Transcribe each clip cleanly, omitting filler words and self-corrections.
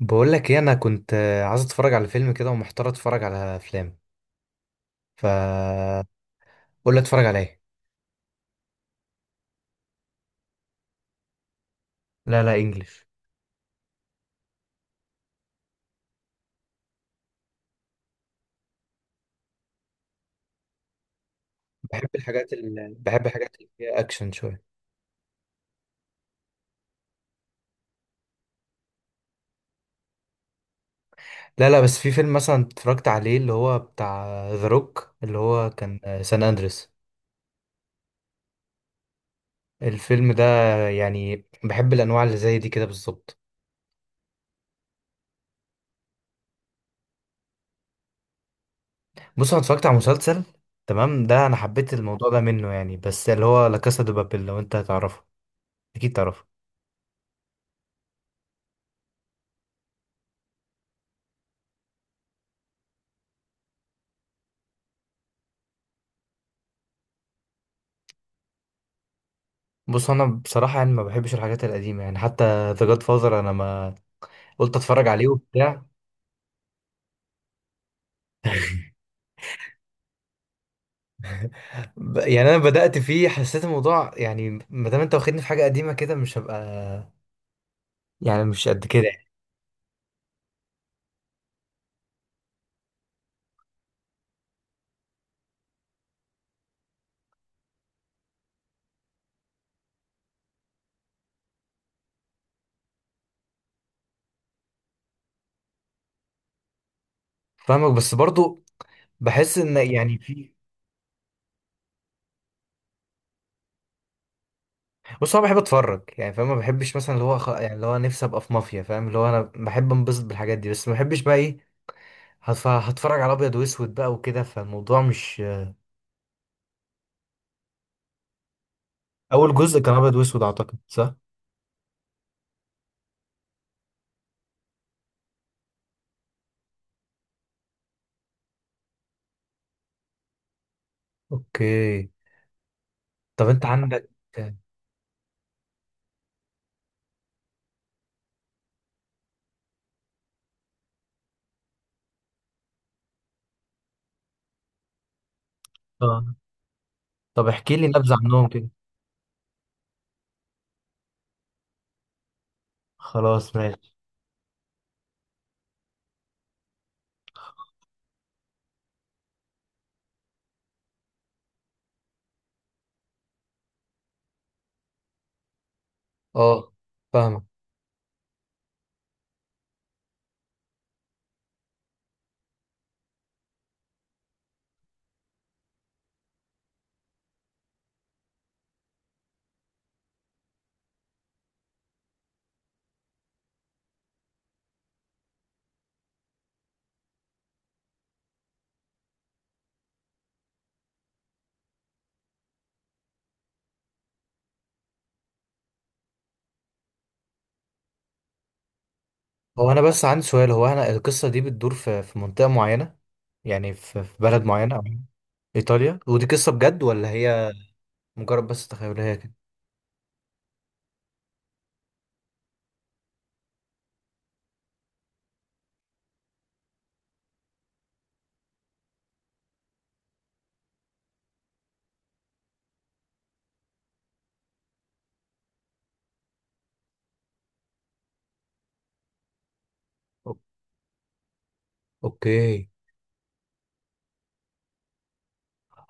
بقول لك ايه؟ انا كنت عايز اتفرج على فيلم كده ومحتار اتفرج على افلام. ف قول لي اتفرج على ايه. لا لا، انجلش. بحب الحاجات اللي فيها اكشن شويه. لا لا، بس في فيلم مثلا اتفرجت عليه، اللي هو بتاع ذا روك، اللي هو كان سان اندريس. الفيلم ده، يعني بحب الانواع اللي زي دي كده بالظبط. بص، انا اتفرجت على مسلسل تمام ده، انا حبيت الموضوع ده منه يعني، بس اللي هو لا كاسا دي بابيل. لو انت هتعرفه، اكيد تعرفه. بص، انا بصراحه يعني ما بحبش الحاجات القديمه يعني. حتى ذا جاد فازر، انا ما قلت اتفرج عليه وبتاع. يعني انا بدات فيه، حسيت الموضوع يعني، ما دام انت واخدني في حاجه قديمه كده، مش هبقى يعني، مش قد كده يعني. فاهمك، بس برضو بحس ان يعني في. بص، انا بحب اتفرج يعني، فاهم؟ ما بحبش مثلا اللي هو يعني اللي هو نفسي ابقى في مافيا، فاهم؟ اللي هو انا بحب انبسط بالحاجات دي، بس ما بحبش بقى ايه، هتفرج على ابيض واسود بقى وكده، فالموضوع مش. اول جزء كان ابيض واسود، اعتقد، صح؟ اوكي. طب انت عندك؟ اه. طب احكي لي نبذة عنهم كده. خلاص ماشي. اه، فاهمك. هو انا بس عندي سؤال، هو انا القصة دي بتدور في منطقة معينة يعني، في بلد معينة، أو ايطاليا؟ ودي قصة بجد ولا هي مجرد بس تخيلية كده؟ أو- اوكي.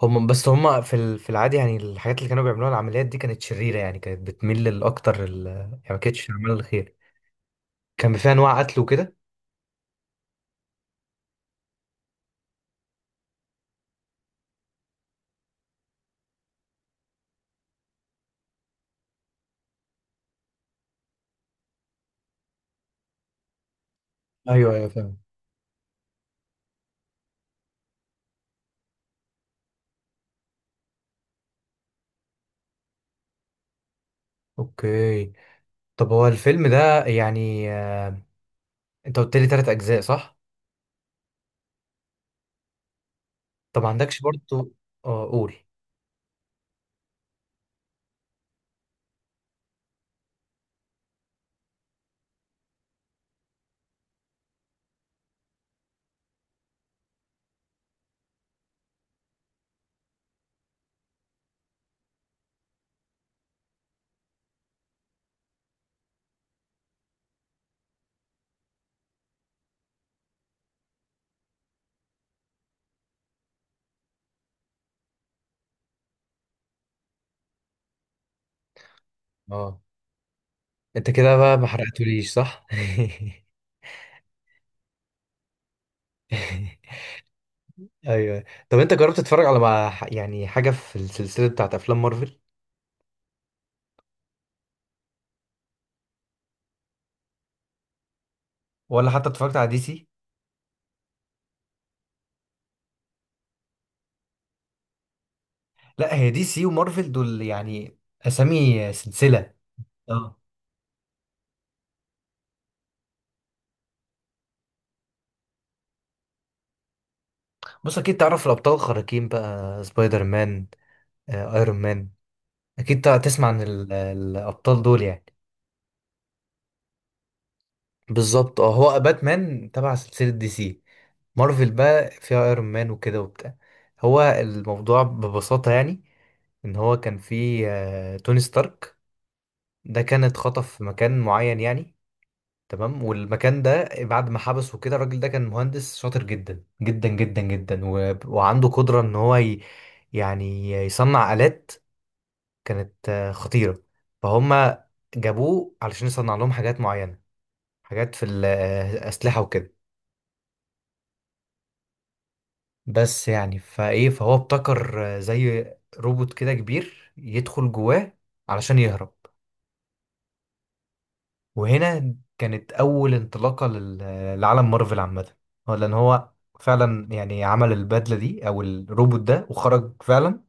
هم، بس هم في العادي يعني، الحاجات اللي كانوا بيعملوها، العمليات دي كانت شريرة يعني، كانت بتميل للاكتر يعني ما كانتش اعمال الخير. كان فيها انواع قتل وكده. ايوه ايوه، فاهم. اوكي. طب هو الفيلم ده يعني، انت قلت لي 3 اجزاء، صح؟ طب ما عندكش برضو؟ اه، قول. اه، انت كده بقى ما حرقتوليش، صح؟ ايوه. طب انت جربت تتفرج على، مع يعني حاجه في السلسله بتاعت افلام مارفل؟ ولا حتى اتفرجت على دي سي؟ لا، هي دي سي ومارفل دول يعني اسامي سلسله. اه. بص، اكيد تعرف الابطال الخارقين بقى، سبايدر مان، ايرون مان. اكيد تسمع عن الابطال دول يعني. بالظبط اه، هو باتمان تبع سلسله دي سي، مارفل بقى فيها ايرون مان وكده وبتاع. هو الموضوع ببساطة يعني، ان هو كان في توني ستارك، ده كان اتخطف في مكان معين يعني. تمام، والمكان ده بعد ما حبسه كده، الراجل ده كان مهندس شاطر جدا جدا جدا جدا، وعنده قدرة ان هو يعني يصنع آلات كانت خطيرة. فهم جابوه علشان يصنع لهم حاجات معينة، حاجات في الأسلحة وكده. بس يعني فايه، فهو ابتكر زي روبوت كده كبير، يدخل جواه علشان يهرب. وهنا كانت اول انطلاقه لعالم مارفل عامه. هو لان هو فعلا يعني عمل البدله دي او الروبوت ده، وخرج فعلا.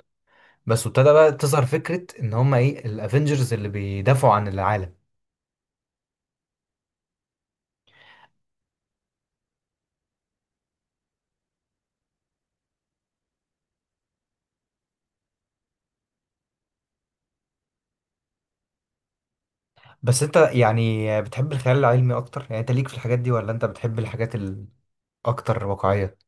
بس ابتدى بقى تظهر فكره ان هما ايه، الافنجرز اللي بيدافعوا عن العالم. بس انت يعني بتحب الخيال العلمي اكتر يعني، انت ليك في الحاجات دي، ولا انت بتحب الحاجات الاكتر واقعيه؟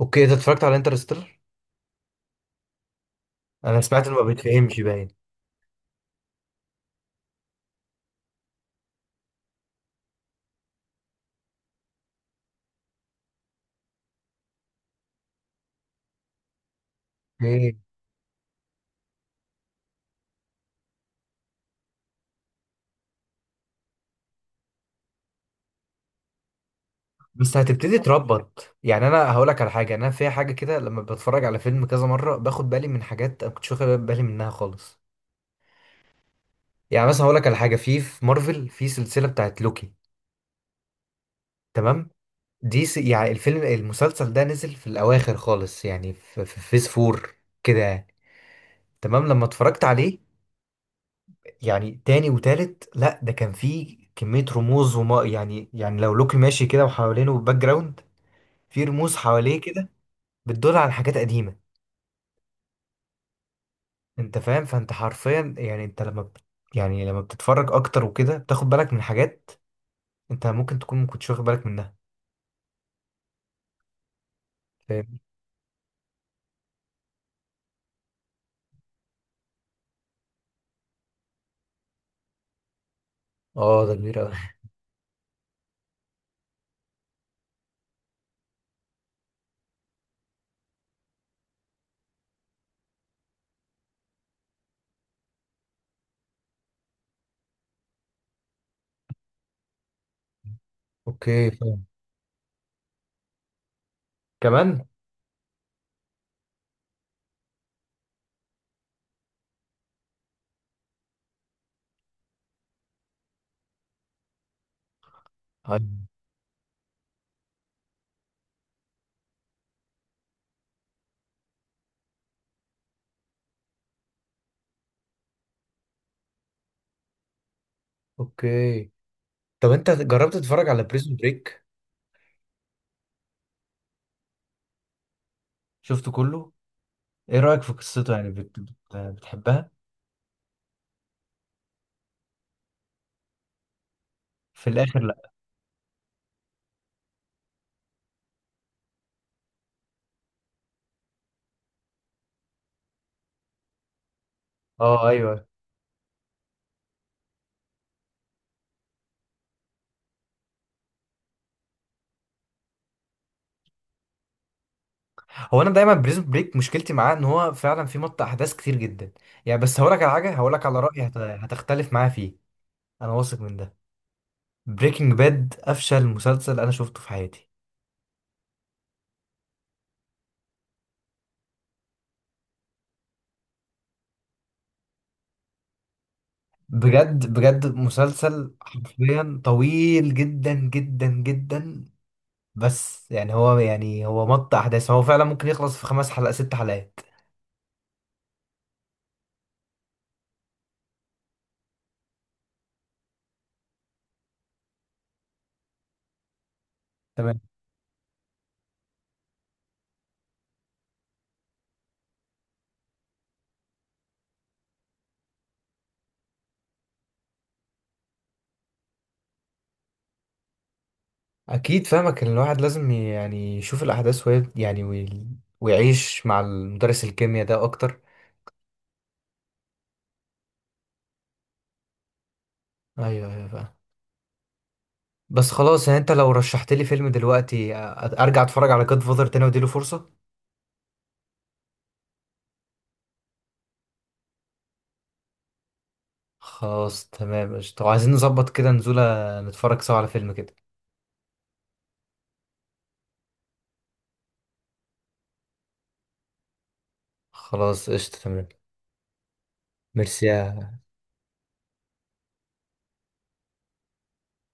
اوكي. انت اتفرجت على انترستيلر؟ انا سمعت انه ما بيتفهمش باين. ايه. بس هتبتدي تربط يعني. انا هقول لك على حاجه، انا في حاجه كده لما بتفرج على فيلم كذا مره، باخد بالي من حاجات انا كنتش واخد بالي منها خالص. يعني مثلا هقول لك على حاجه، في مارفل في سلسله بتاعت لوكي، تمام. يعني الفيلم المسلسل ده نزل في الاواخر خالص يعني، في فيز فور كده يعني. تمام، لما اتفرجت عليه يعني تاني وتالت، لا، ده كان فيه كميه رموز، وما يعني لو لوكي ماشي كده وحوالينه باك جراوند، في رموز حواليه كده بتدل على حاجات قديمه. انت فاهم؟ فانت حرفيا يعني، انت لما يعني لما بتتفرج اكتر وكده، بتاخد بالك من حاجات انت ممكن تكون ما كنتش واخد بالك منها. فاهم. اه ده كبير قوي. اوكي، فاهم. كمان. طيب. اوكي. طب انت جربت تتفرج على بريزون بريك؟ شفته كله. ايه رأيك في قصته يعني، بتحبها؟ في الاخر لا. اه. ايوه. هو انا دايما بريزون بريك مشكلتي معاه ان هو فعلا في مط احداث كتير جدا. يعني، بس هقولك على حاجه، هقولك على رأيي هتختلف معايا فيه. انا واثق من ده. بريكنج باد افشل مسلسل انا شفته في حياتي. بجد بجد، مسلسل حرفيا طويل جدا جدا جدا. بس يعني هو، يعني هو مط احداث، هو فعلا ممكن يخلص في 5 حلقات 6 حلقات. تمام. اكيد فاهمك، ان الواحد لازم يعني يشوف الاحداث وهي يعني ويعيش مع المدرس الكيمياء ده اكتر. ايوه ايوه، فاهم. بس خلاص، يعني انت لو رشحت لي فيلم دلوقتي، ارجع اتفرج على جاد فاذر تاني واديله فرصة. خلاص تمام، قشطة. طب عايزين نظبط كده نزولة، نتفرج سوا على فيلم كده. خلاص قشطة، تمام. ميرسي.